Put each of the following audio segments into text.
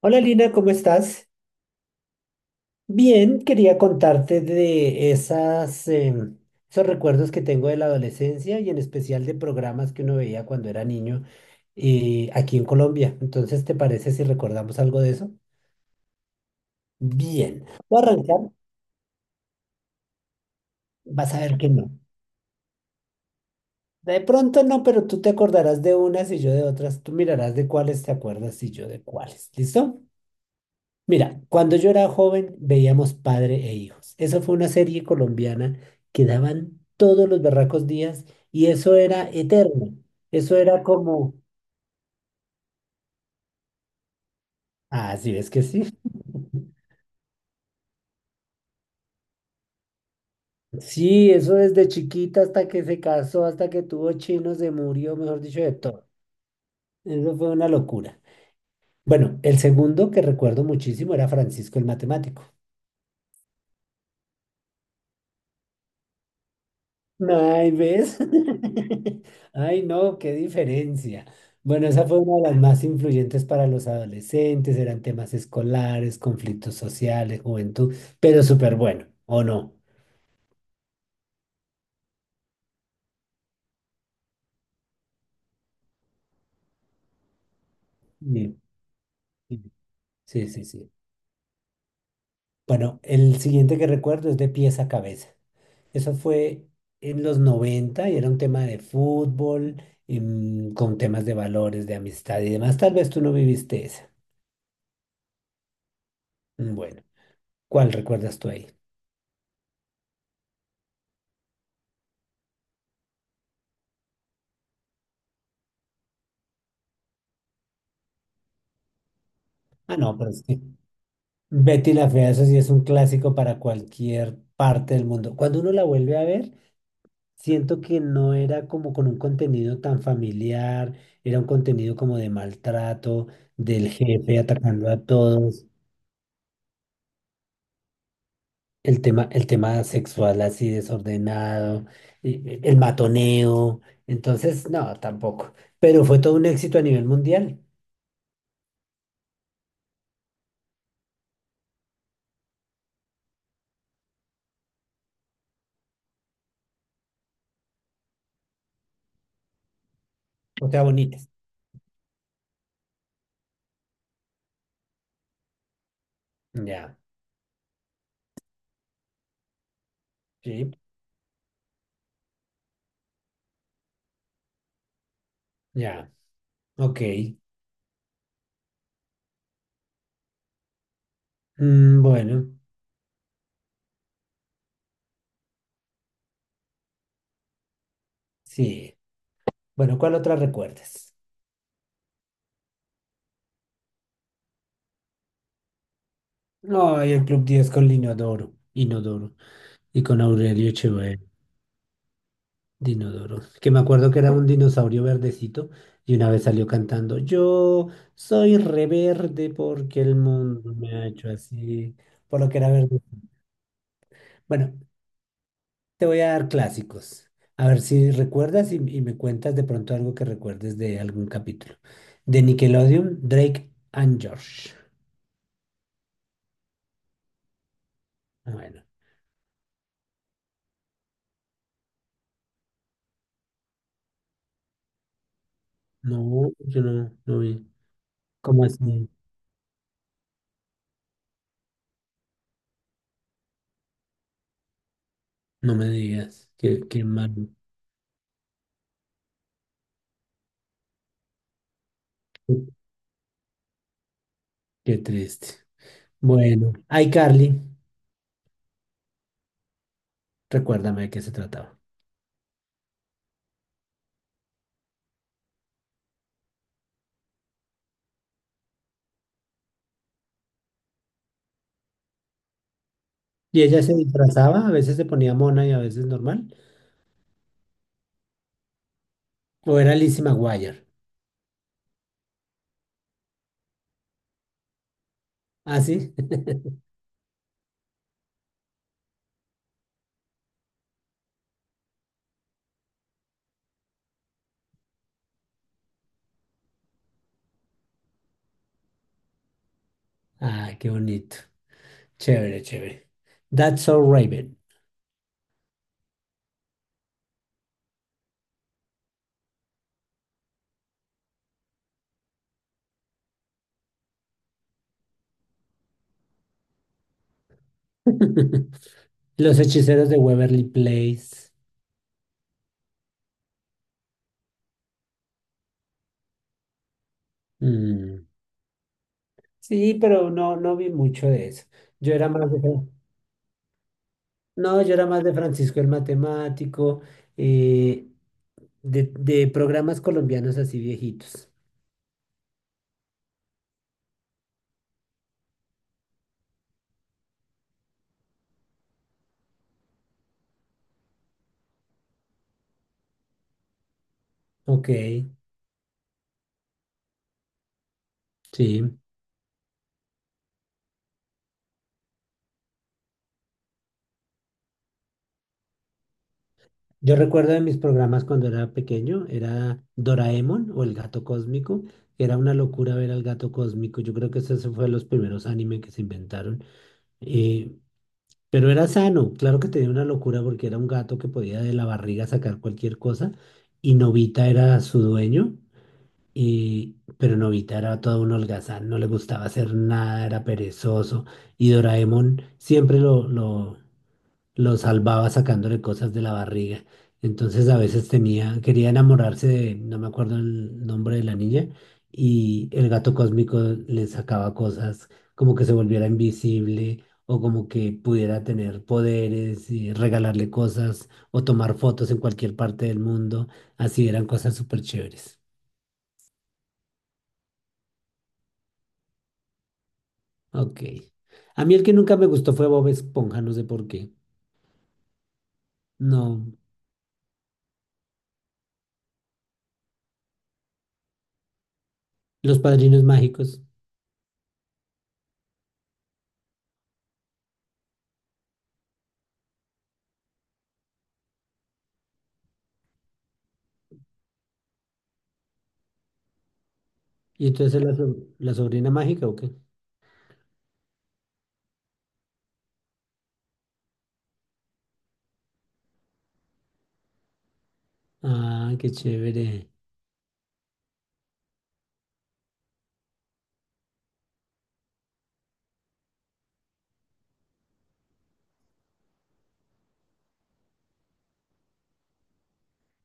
Hola Lina, ¿cómo estás? Bien, quería contarte de esas, esos recuerdos que tengo de la adolescencia y en especial de programas que uno veía cuando era niño aquí en Colombia. Entonces, ¿te parece si recordamos algo de eso? Bien, voy a arrancar, vas a ver que no. De pronto no, pero tú te acordarás de unas y yo de otras. Tú mirarás de cuáles te acuerdas y yo de cuáles. ¿Listo? Mira, cuando yo era joven veíamos Padre e Hijos. Eso fue una serie colombiana que daban todos los berracos días y eso era eterno. Eso era como, ah, sí, es que sí. Sí, eso desde chiquita hasta que se casó, hasta que tuvo chino, se murió, mejor dicho, de todo. Eso fue una locura. Bueno, el segundo que recuerdo muchísimo era Francisco el Matemático. Ay, ¿ves? Ay, no, qué diferencia. Bueno, esa fue una de las más influyentes para los adolescentes, eran temas escolares, conflictos sociales, juventud, pero súper bueno, ¿o no? Sí, sí, sí, sí, sí. Bueno, el siguiente que recuerdo es de pies a cabeza. Eso fue en los 90 y era un tema de fútbol, con temas de valores, de amistad y demás. Tal vez tú no viviste esa. Mm, bueno, ¿cuál recuerdas tú ahí? Ah, no, pero sí. Betty la Fea, eso sí es un clásico para cualquier parte del mundo. Cuando uno la vuelve a ver, siento que no era como con un contenido tan familiar, era un contenido como de maltrato, del jefe atacando a todos, el tema sexual así desordenado, y el matoneo. Entonces, no, tampoco. Pero fue todo un éxito a nivel mundial. O sea, bonitas. Ya, sí, ya, ok. Mm, bueno, sí. Bueno, ¿cuál otra recuerdas? Ay, el Club 10 con Linodoro, Inodoro y con Aurelio Echeverri, Dinodoro, que me acuerdo que era un dinosaurio verdecito y una vez salió cantando, yo soy reverde porque el mundo me ha hecho así, por lo que era verde. Bueno, te voy a dar clásicos, a ver si recuerdas y me cuentas de pronto algo que recuerdes de algún capítulo. De Nickelodeon, Drake and George. Ah, bueno, no, yo no vi. ¿Cómo así? No me digas, qué mal, qué triste. Bueno, iCarly, recuérdame de qué se trataba. Y ella se disfrazaba, a veces se ponía mona y a veces normal. O era Lizzie McGuire. Ah, sí. Ah, qué bonito. Chévere, chévere. That's so Raven. Los hechiceros de Waverly Place. Mm, sí, pero no, no vi mucho de eso. Yo era más de... No, yo era más de Francisco el Matemático, eh, de programas colombianos así viejitos. Ok, sí. Yo recuerdo de mis programas cuando era pequeño, era Doraemon o El Gato Cósmico. Era una locura ver al Gato Cósmico. Yo creo que ese fue de los primeros anime que se inventaron. eh, pero era sano, claro que tenía una locura porque era un gato que podía de la barriga sacar cualquier cosa y Nobita era su dueño. Y, pero Nobita era todo un holgazán, no le gustaba hacer nada, era perezoso. Y Doraemon siempre lo salvaba sacándole cosas de la barriga. Entonces a veces tenía, quería enamorarse de, no me acuerdo el nombre de la niña, y el gato cósmico le sacaba cosas como que se volviera invisible o como que pudiera tener poderes y regalarle cosas o tomar fotos en cualquier parte del mundo. Así eran cosas súper chéveres. Ok. A mí el que nunca me gustó fue Bob Esponja, no sé por qué. No, Los Padrinos Mágicos. ¿Y entonces la, so- la sobrina mágica o qué? Ah, qué chévere.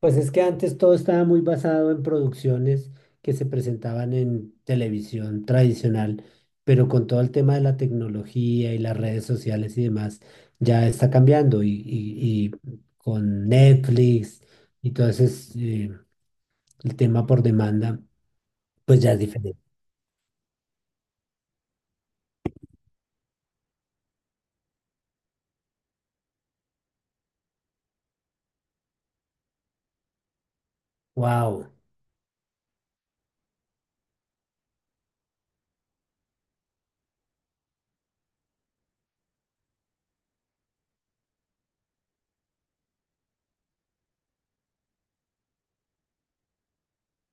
Pues es que antes todo estaba muy basado en producciones que se presentaban en televisión tradicional, pero con todo el tema de la tecnología y las redes sociales y demás, ya está cambiando. Y con Netflix y todo ese, eh, el tema por demanda, pues ya es diferente. Wow.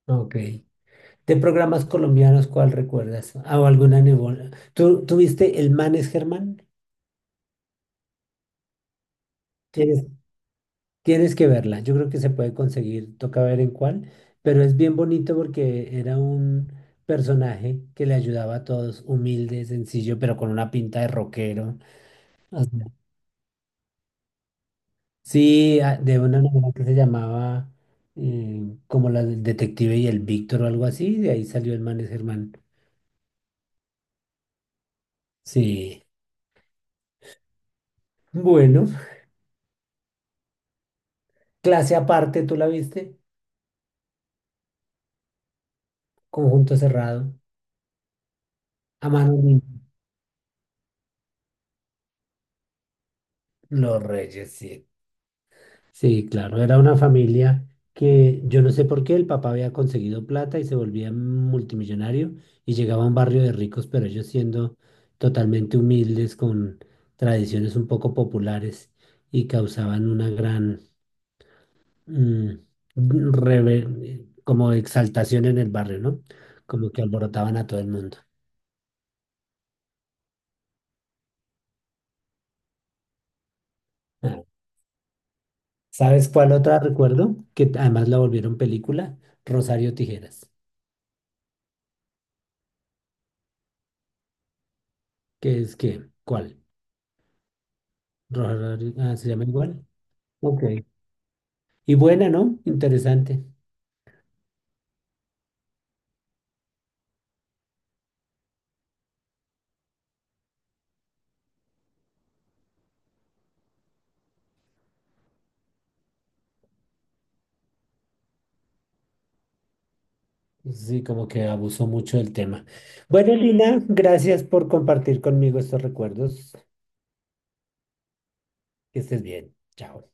Ok. ¿De programas colombianos cuál recuerdas? ¿O alguna nebola? ¿Tú viste El Manes Germán? Tienes, tienes que verla. Yo creo que se puede conseguir. Toca ver en cuál. Pero es bien bonito porque era un personaje que le ayudaba a todos, humilde, sencillo, pero con una pinta de rockero. O sea, sí, a- de una novela que se llamaba como la del detective y el Víctor o algo así. De ahí salió El Manes Germán. Sí. Bueno, clase aparte, ¿tú la viste? Conjunto cerrado, a mano limpia. Los Reyes, sí. Sí, claro, era una familia que yo no sé por qué el papá había conseguido plata y se volvía multimillonario y llegaba a un barrio de ricos, pero ellos siendo totalmente humildes, con tradiciones un poco populares y causaban una gran mm, reve- como exaltación en el barrio, ¿no? Como que alborotaban a todo el mundo. Ah, ¿sabes cuál otra recuerdo? Que además la volvieron película, Rosario Tijeras. ¿Qué es qué? ¿Cuál? Rosario, ah, ¿se llama igual? Ok. Y buena, ¿no? Interesante. Sí, como que abusó mucho del tema. Bueno, Lina, gracias por compartir conmigo estos recuerdos. Que estés bien. Chao.